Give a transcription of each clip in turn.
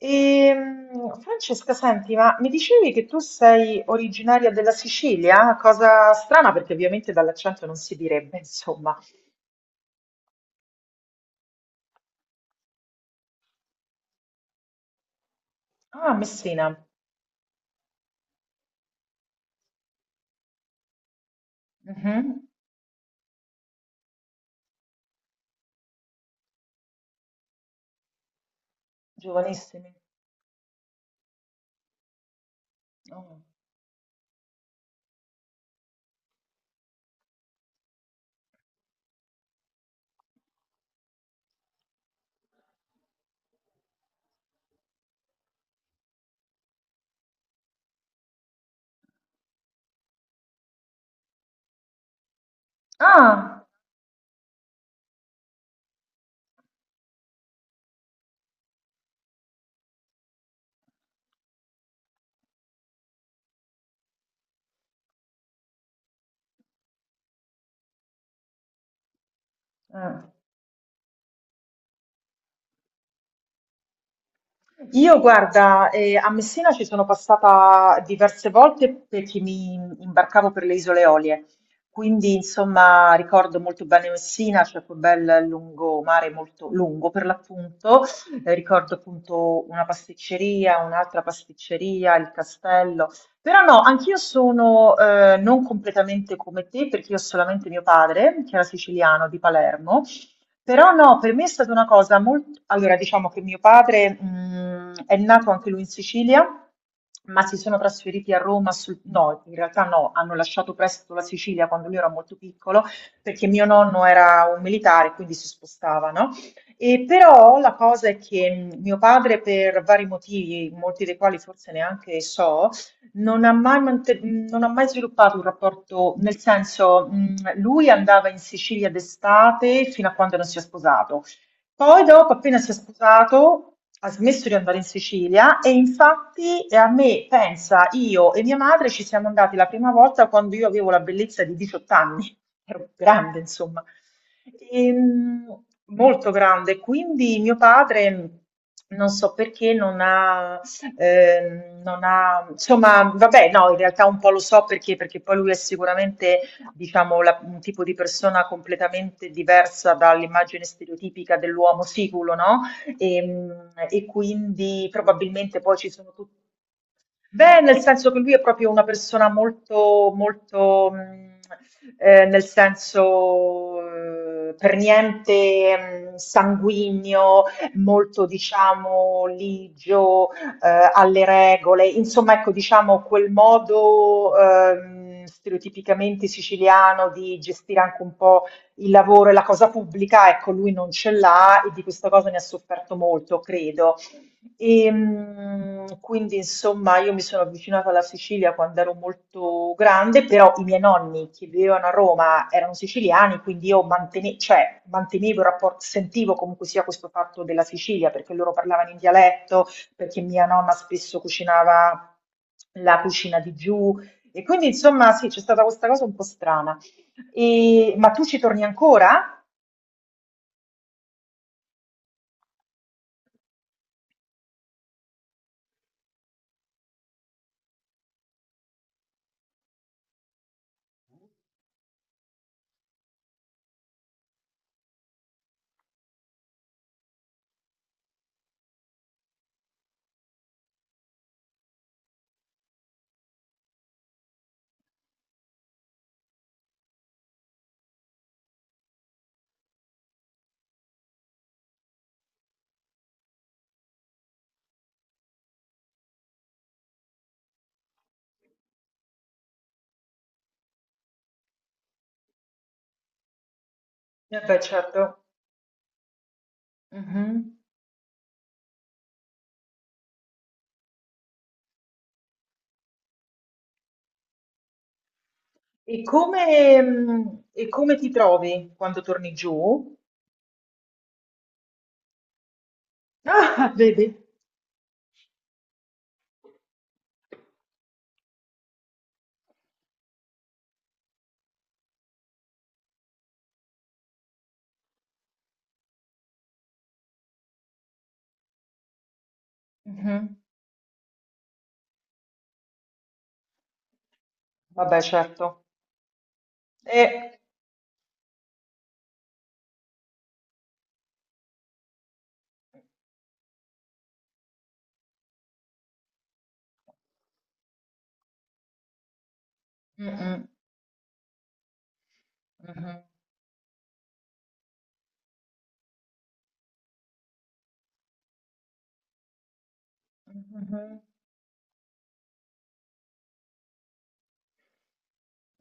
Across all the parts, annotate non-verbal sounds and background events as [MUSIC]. Francesca, senti, ma mi dicevi che tu sei originaria della Sicilia? Cosa strana, perché ovviamente dall'accento non si direbbe, insomma. Ah, Messina. Mhm. Giovanissimi. Oh. Ah, eh. Io guarda, a Messina ci sono passata diverse volte perché mi imbarcavo per le Isole Olie, quindi insomma ricordo molto bene Messina, c'è quel bel lungomare molto lungo per l'appunto. Ricordo appunto una pasticceria, un'altra pasticceria, il castello, però no, anch'io sono non completamente come te perché io ho solamente mio padre, che era siciliano di Palermo, però no, per me è stata una cosa molto... Allora, diciamo che mio padre, è nato anche lui in Sicilia, ma si sono trasferiti a Roma sul... No, in realtà no, hanno lasciato presto la Sicilia quando lui era molto piccolo, perché mio nonno era un militare, quindi si spostavano. E però la cosa è che mio padre, per vari motivi, molti dei quali forse neanche so, non ha mai sviluppato un rapporto, nel senso, lui andava in Sicilia d'estate fino a quando non si è sposato. Poi dopo, appena si è sposato, ha smesso di andare in Sicilia e infatti a me, pensa, io e mia madre ci siamo andati la prima volta quando io avevo la bellezza di 18 anni, [LAUGHS] ero grande, insomma. Molto grande. Quindi mio padre, non so perché, non ha non ha, insomma, vabbè, no, in realtà un po' lo so perché, perché poi lui è sicuramente, diciamo, un tipo di persona completamente diversa dall'immagine stereotipica dell'uomo siculo, no? E, e quindi probabilmente poi ci sono tutti. Beh, nel senso che lui è proprio una persona molto, molto, nel senso, per niente, sanguigno, molto diciamo ligio, alle regole. Insomma, ecco, diciamo quel modo, stereotipicamente siciliano di gestire anche un po' il lavoro e la cosa pubblica, ecco lui non ce l'ha e di questa cosa ne ha sofferto molto, credo. E, quindi insomma io mi sono avvicinata alla Sicilia quando ero molto grande, però i miei nonni che vivevano a Roma erano siciliani, quindi cioè, mantenevo il rapporto, sentivo comunque sia questo fatto della Sicilia, perché loro parlavano in dialetto, perché mia nonna spesso cucinava la cucina di giù, e quindi insomma sì, c'è stata questa cosa un po' strana. Ma tu ci torni ancora? Eh beh, certo. Mhm. E come, e come ti trovi quando torni giù? Ah, vedi? Mh-mh. Vabbè, certo. Eh. Mh-mh. Mh-mh. Mh-mh.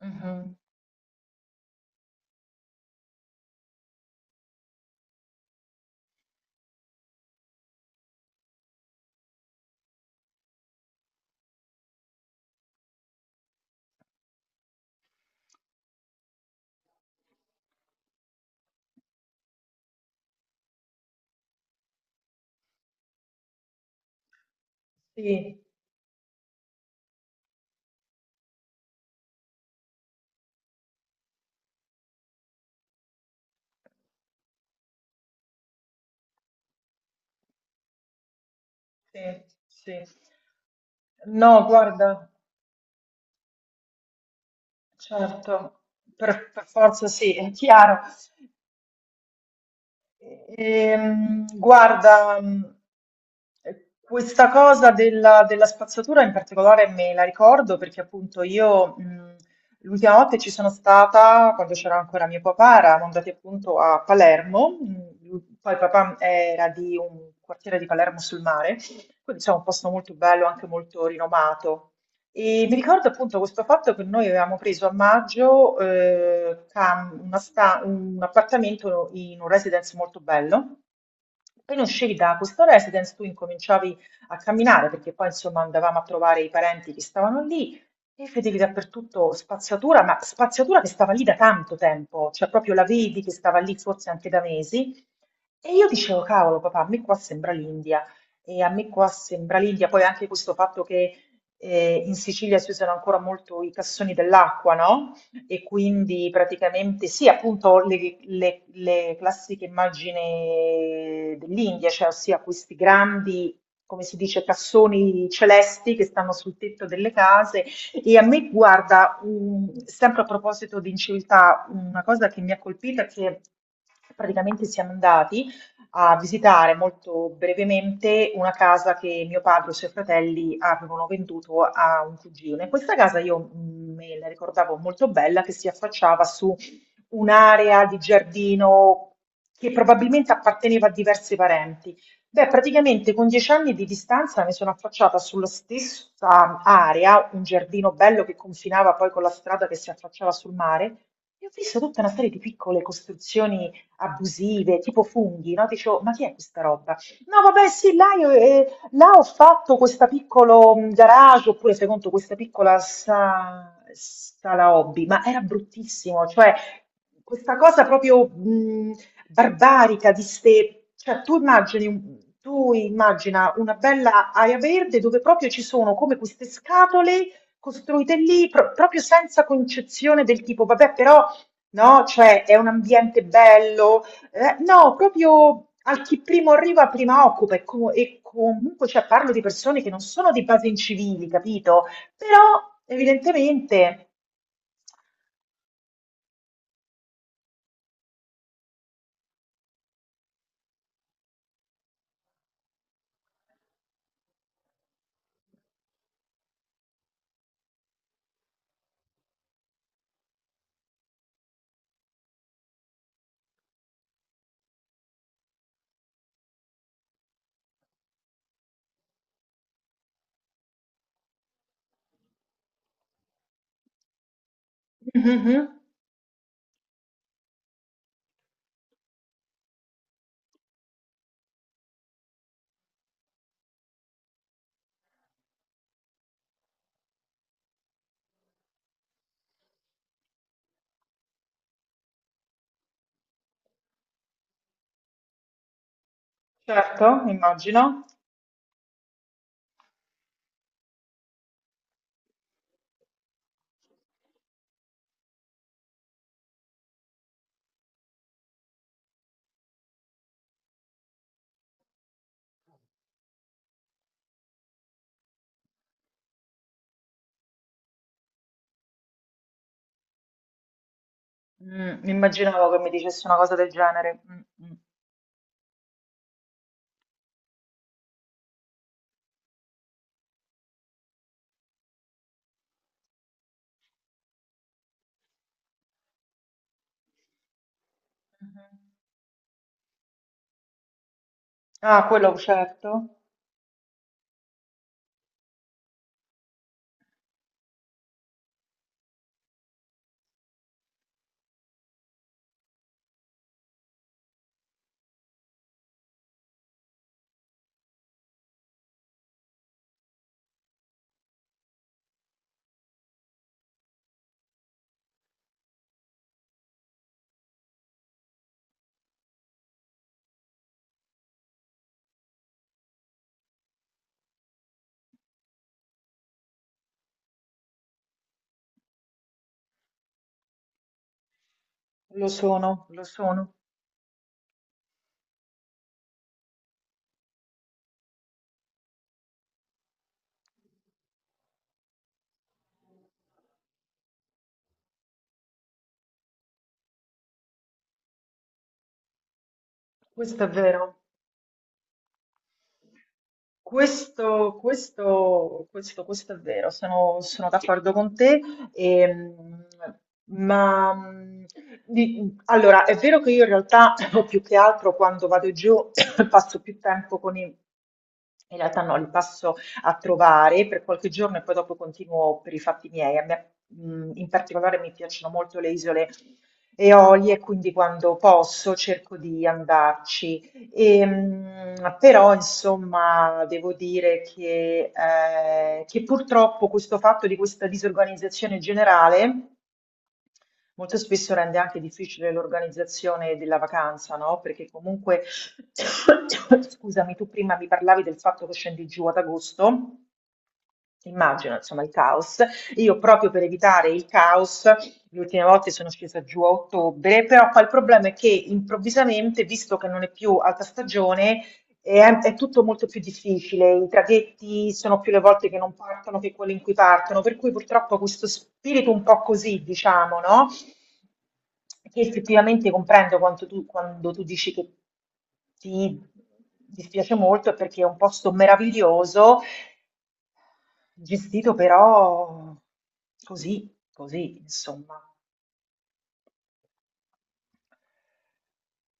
Mh-mh. Sì, sì, sì. No, guarda, certo, per forza sì, è chiaro. Ehm, guarda, mh, questa cosa della spazzatura in particolare me la ricordo perché appunto io l'ultima volta che ci sono stata, quando c'era ancora mio papà, eravamo andati appunto a Palermo, poi papà era di un quartiere di Palermo sul mare, quindi insomma un posto molto bello, anche molto rinomato. E mi ricordo appunto questo fatto che noi avevamo preso a maggio un appartamento in un residence molto bello. Appena uscivi da questo residence, tu incominciavi a camminare perché poi insomma andavamo a trovare i parenti che stavano lì e vedevi dappertutto spazzatura, ma spazzatura che stava lì da tanto tempo, cioè proprio la vedi che stava lì forse anche da mesi. E io dicevo, cavolo, papà, a me qua sembra l'India. E a me qua sembra l'India, poi anche questo fatto che in Sicilia si usano ancora molto i cassoni dell'acqua, no? E quindi praticamente sì, appunto le classiche immagini dell'India, cioè ossia questi grandi, come si dice, cassoni celesti che stanno sul tetto delle case. E a me, guarda, sempre a proposito di inciviltà, una cosa che mi ha colpito è che praticamente siamo andati a visitare molto brevemente una casa che mio padre e i suoi fratelli avevano venduto a un cugino. In questa casa io me la ricordavo molto bella, che si affacciava su un'area di giardino che probabilmente apparteneva a diversi parenti. Beh, praticamente con 10 anni di distanza mi sono affacciata sulla stessa area, un giardino bello che confinava poi con la strada che si affacciava sul mare, e ho visto tutta una serie di piccole costruzioni abusive, tipo funghi, no? Dicevo, ma chi è questa roba? No, vabbè, sì, là, io, là ho fatto questo piccolo garage, oppure fai conto questa sala hobby, ma era bruttissimo, cioè questa cosa proprio barbarica di ste... Cioè, tu immagina una bella area verde dove proprio ci sono come queste scatole costruite lì, proprio senza concezione del tipo, vabbè, però no? Cioè è un ambiente bello, no, proprio al chi primo arriva, prima occupa e comunque cioè, parlo di persone che non sono di base incivili, capito? Però evidentemente, Mhm, certo, immagino. Mm, immaginavo che mi dicesse una cosa del genere. Mm, mm. Mhm. Ah, quello certo, lo sono, questo è vero. Questo è vero, sono, sono d'accordo con te. ehm, ma mh, allora è vero che io in realtà [CLEARS THROAT] o più che altro quando vado giù [COUGHS] passo più tempo con i. In realtà no, li passo a trovare per qualche giorno e poi dopo continuo per i fatti miei. A me, in particolare mi piacciono molto le isole Eolie, quindi quando posso cerco di andarci. Ehm, però insomma devo dire che purtroppo questo fatto di questa disorganizzazione generale molto spesso rende anche difficile l'organizzazione della vacanza, no? Perché comunque, [COUGHS] scusami, tu prima mi parlavi del fatto che scendi giù ad agosto. Immagino, insomma, il caos. Io proprio per evitare il caos, le ultime volte sono scesa giù a ottobre, però poi il problema è che improvvisamente, visto che non è più alta stagione, è tutto molto più difficile. I traghetti sono più le volte che non partono che quelle in cui partono, per cui purtroppo questo spirito un po' così, diciamo, no? Che effettivamente comprendo quando tu dici che ti dispiace molto, è perché è un posto meraviglioso gestito però così, così, insomma.